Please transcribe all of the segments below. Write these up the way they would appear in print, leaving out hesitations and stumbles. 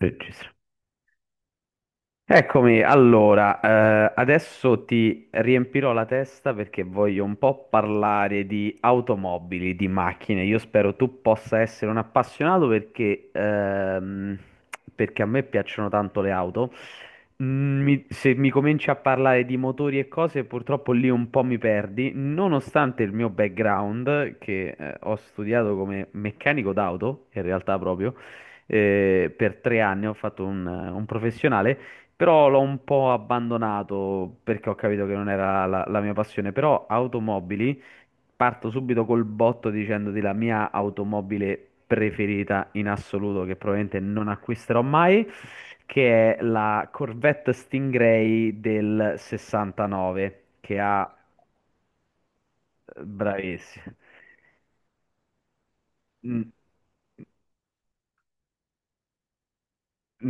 Register. Eccomi, allora, adesso ti riempirò la testa perché voglio un po' parlare di automobili, di macchine. Io spero tu possa essere un appassionato perché a me piacciono tanto le auto. Se mi cominci a parlare di motori e cose, purtroppo lì un po' mi perdi, nonostante il mio background, che, ho studiato come meccanico d'auto, in realtà proprio, per tre anni ho fatto un professionale. Però l'ho un po' abbandonato perché ho capito che non era la mia passione. Però automobili, parto subito col botto dicendoti la mia automobile preferita in assoluto, che probabilmente non acquisterò mai, che è la Corvette Stingray del 69, che ha... Bravissimo. Mm.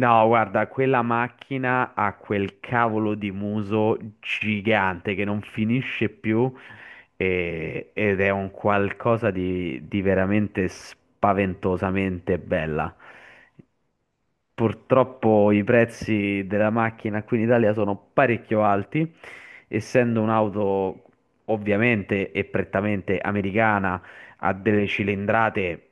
No, guarda, quella macchina ha quel cavolo di muso gigante che non finisce più ed è un qualcosa di veramente spaventosamente bella. Purtroppo i prezzi della macchina qui in Italia sono parecchio alti, essendo un'auto ovviamente e prettamente americana, ha delle cilindrate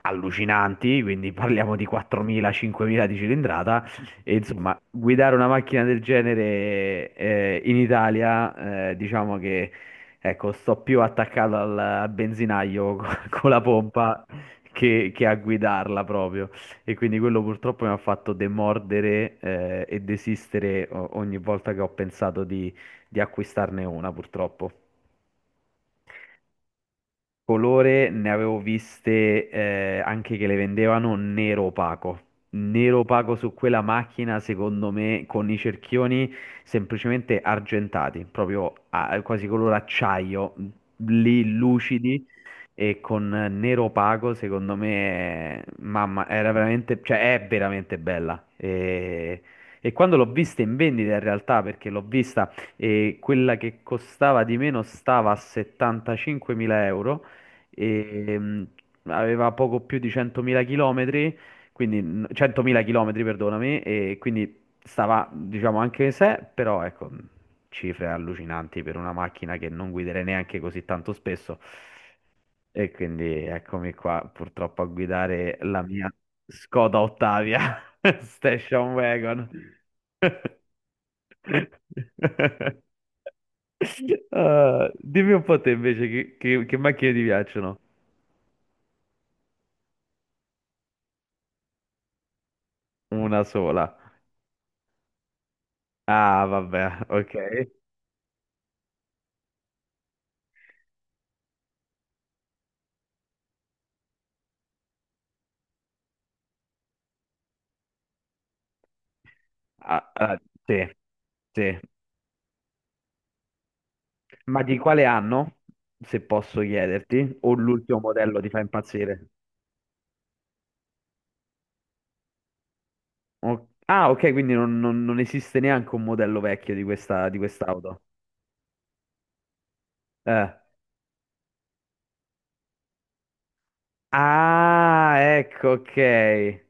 allucinanti, quindi parliamo di 4.000-5.000 di cilindrata. E insomma, guidare una macchina del genere in Italia, diciamo che ecco, sto più attaccato al benzinaio con la pompa che a guidarla proprio. E quindi quello purtroppo mi ha fatto demordere e desistere ogni volta che ho pensato di acquistarne una, purtroppo. Colore ne avevo viste anche che le vendevano nero opaco. Nero opaco su quella macchina, secondo me, con i cerchioni semplicemente argentati, proprio quasi color acciaio, lì lucidi e con Nero Opaco, secondo me, mamma, era veramente, cioè è veramente bella. E quando l'ho vista in vendita in realtà, perché l'ho vista e quella che costava di meno stava a 75.000 euro e aveva poco più di 100.000 chilometri, quindi 100.000 chilometri, perdonami, e quindi stava, diciamo, anche se, però ecco, cifre allucinanti per una macchina che non guiderei neanche così tanto spesso. E quindi eccomi qua, purtroppo a guidare la mia Skoda Ottavia Station Wagon. Ah, dimmi un po' te invece che macchine ti piacciono? Una sola. Ah, vabbè, ok. Ah, ah, sì, sì. Ma di quale anno, se posso chiederti, o l'ultimo modello ti fa impazzire? Ah, ok, quindi non esiste neanche un modello vecchio di questa, di quest'auto. Eh. Ah, ecco, ok.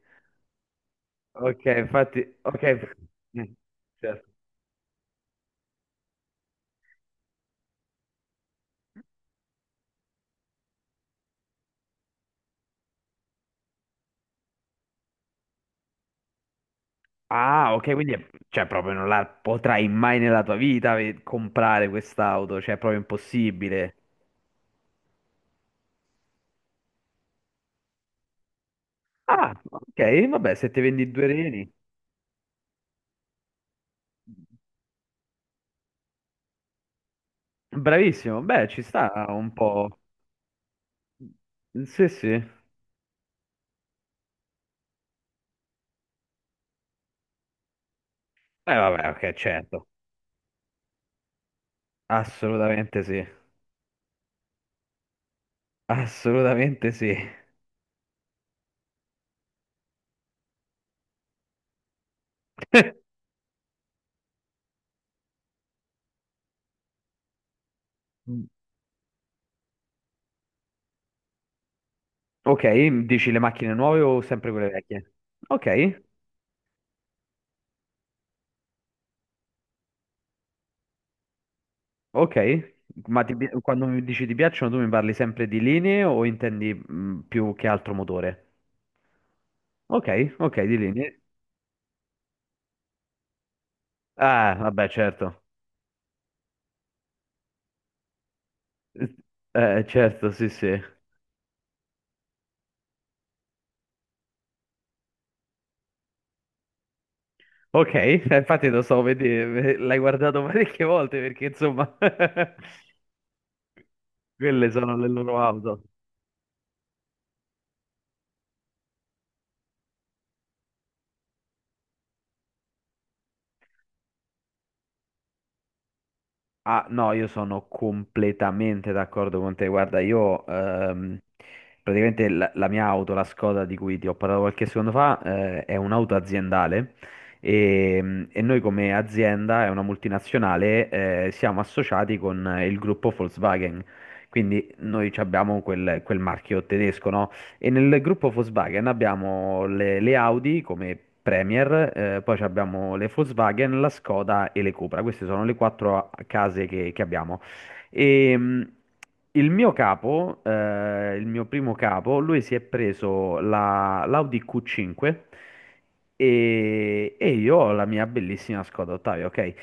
Ok, infatti, ok. Mm, certo. Ah, ok, quindi cioè, proprio non la potrai mai nella tua vita comprare quest'auto, cioè è proprio impossibile. Ah, ok, vabbè, se ti vendi due reni. Bravissimo, beh, ci sta un po'. Sì, sì. Vabbè, ok, certo. Assolutamente sì. Assolutamente sì. Ok, dici le macchine nuove o sempre quelle vecchie? Ok. Ok, ma quando mi dici ti piacciono, tu mi parli sempre di linee o intendi più che altro motore? Ok, ok, di linee. Ah, vabbè, certo. Certo, sì, sì. Ok, infatti lo so, vedi, l'hai guardato parecchie volte perché insomma, quelle sono le loro auto. Ah, no, io sono completamente d'accordo con te. Guarda, io praticamente la mia auto, la Skoda di cui ti ho parlato qualche secondo fa, è un'auto aziendale e noi come azienda, è una multinazionale, siamo associati con il gruppo Volkswagen. Quindi noi ci abbiamo quel marchio tedesco, no? E nel gruppo Volkswagen abbiamo le Audi come Premier, poi ci abbiamo le Volkswagen, la Skoda e le Cupra. Queste sono le quattro case che abbiamo. E, il mio capo, il mio primo capo, lui si è preso l'Audi Q5 e io ho la mia bellissima Skoda Ottavia, ok?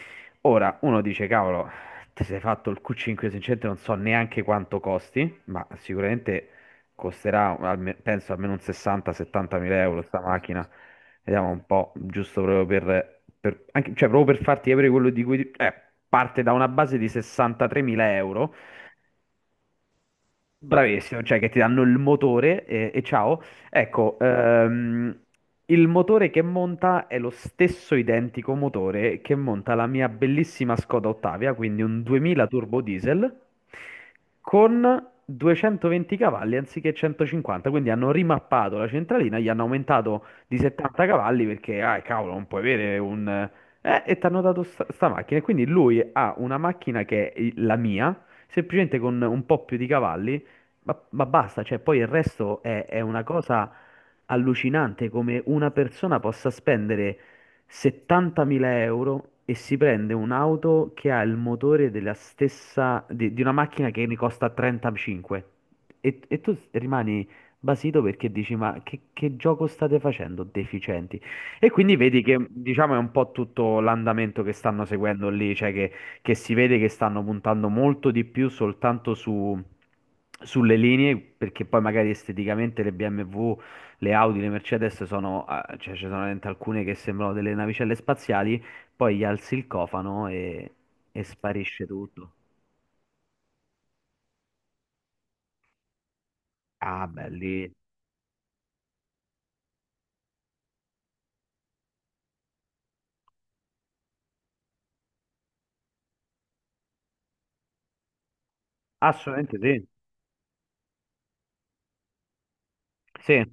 Ora, uno dice, cavolo, ti sei fatto il Q5, sinceramente non so neanche quanto costi, ma sicuramente costerà penso almeno un 60-70 mila euro sta macchina. Vediamo un po', giusto proprio cioè proprio per farti capire quello di cui... parte da una base di 63.000 euro. Bravissimo, cioè che ti danno il motore e ciao. Ecco, il motore che monta è lo stesso identico motore che monta la mia bellissima Skoda Ottavia, quindi un 2000 turbo diesel con 220 cavalli anziché 150, quindi hanno rimappato la centralina, gli hanno aumentato di 70 cavalli perché, ah, cavolo, non puoi avere un... e ti hanno dato sta macchina. E quindi lui ha una macchina che è la mia semplicemente con un po' più di cavalli ma basta, cioè, poi il resto è una cosa allucinante come una persona possa spendere 70.000 euro e si prende un'auto che ha il motore della stessa, di una macchina che ne costa 35. E tu rimani basito perché dici, ma che gioco state facendo, deficienti? E quindi vedi che, diciamo, è un po' tutto l'andamento che stanno seguendo lì, cioè che si vede che stanno puntando molto di più soltanto sulle linee, perché poi magari esteticamente le BMW, le Audi, le Mercedes sono, cioè ci sono veramente alcune che sembrano delle navicelle spaziali, poi gli alzi il cofano e sparisce tutto. Ah, belli. Assolutamente sì. Sì.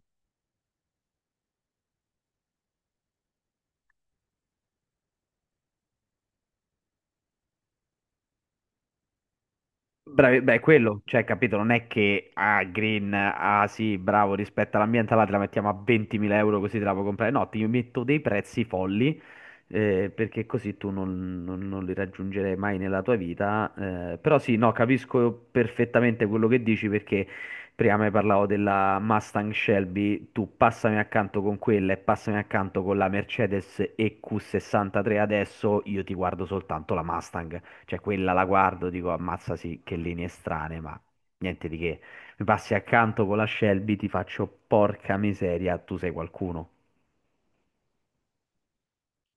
Bravi, beh, quello, cioè, capito, non è che ah, green, ah sì, bravo, rispetto all'ambiente, là te la mettiamo a 20.000 euro così te la puoi comprare. No, ti metto dei prezzi folli, perché così tu non li raggiungerai mai nella tua vita. Eh, però sì, no, capisco perfettamente quello che dici perché prima mi parlavo della Mustang Shelby, tu passami accanto con quella e passami accanto con la Mercedes EQ63 adesso, io ti guardo soltanto la Mustang. Cioè, quella la guardo, dico, ammazza sì, che linee strane, ma niente di che. Mi passi accanto con la Shelby, ti faccio porca miseria, tu sei qualcuno.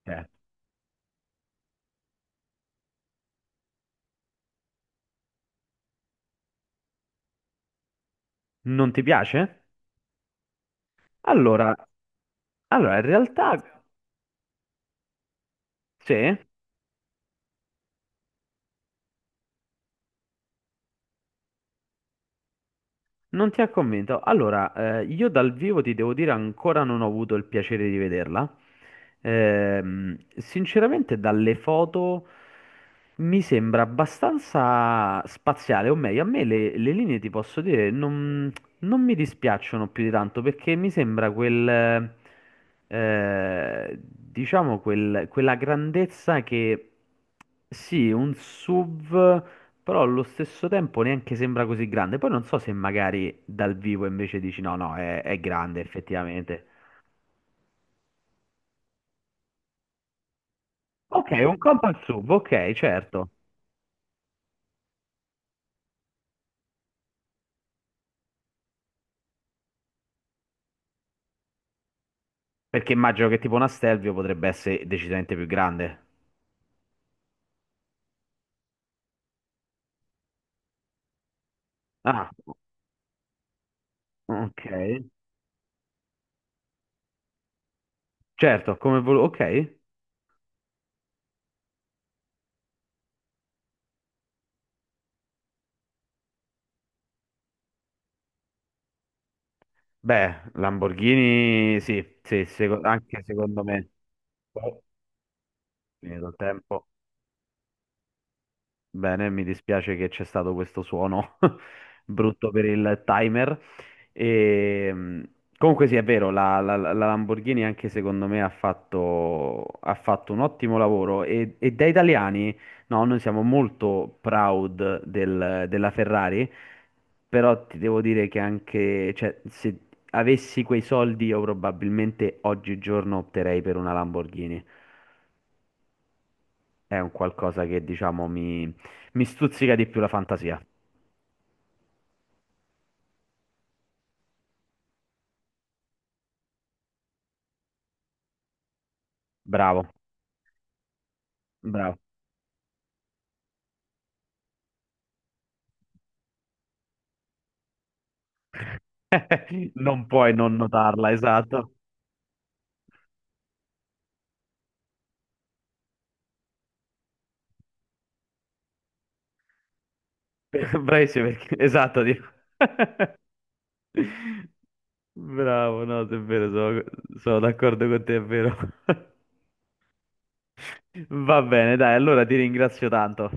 Cioè, non ti piace? Allora, allora, in realtà, sì, non ti ha convinto. Allora, io dal vivo ti devo dire ancora non ho avuto il piacere di vederla. Sinceramente, dalle foto mi sembra abbastanza spaziale, o meglio, a me le linee ti posso dire, non, non mi dispiacciono più di tanto perché mi sembra diciamo, quella grandezza che sì, un SUV, però allo stesso tempo neanche sembra così grande. Poi non so se magari dal vivo invece dici no, no, è grande effettivamente. Ok, un compact SUV, ok, certo. Perché immagino che tipo una Stelvio potrebbe essere decisamente più grande. Ah, ok. Certo, come volevo, ok. Beh, Lamborghini sì, sì, anche secondo me. Poi, finito il tempo. Bene, mi dispiace che c'è stato questo suono brutto per il timer. E, comunque sì, è vero, la Lamborghini anche secondo me ha fatto un ottimo lavoro e da italiani, no, noi siamo molto proud della Ferrari, però ti devo dire che anche, cioè, se avessi quei soldi io probabilmente oggigiorno opterei per una Lamborghini. È un qualcosa che diciamo mi stuzzica di più la fantasia. Bravo, bravo. Non puoi non notarla, esatto. Bravissimo, esatto. Dico. Bravo, no, è vero, sono d'accordo con te, è vero. Va bene, dai, allora ti ringrazio tanto.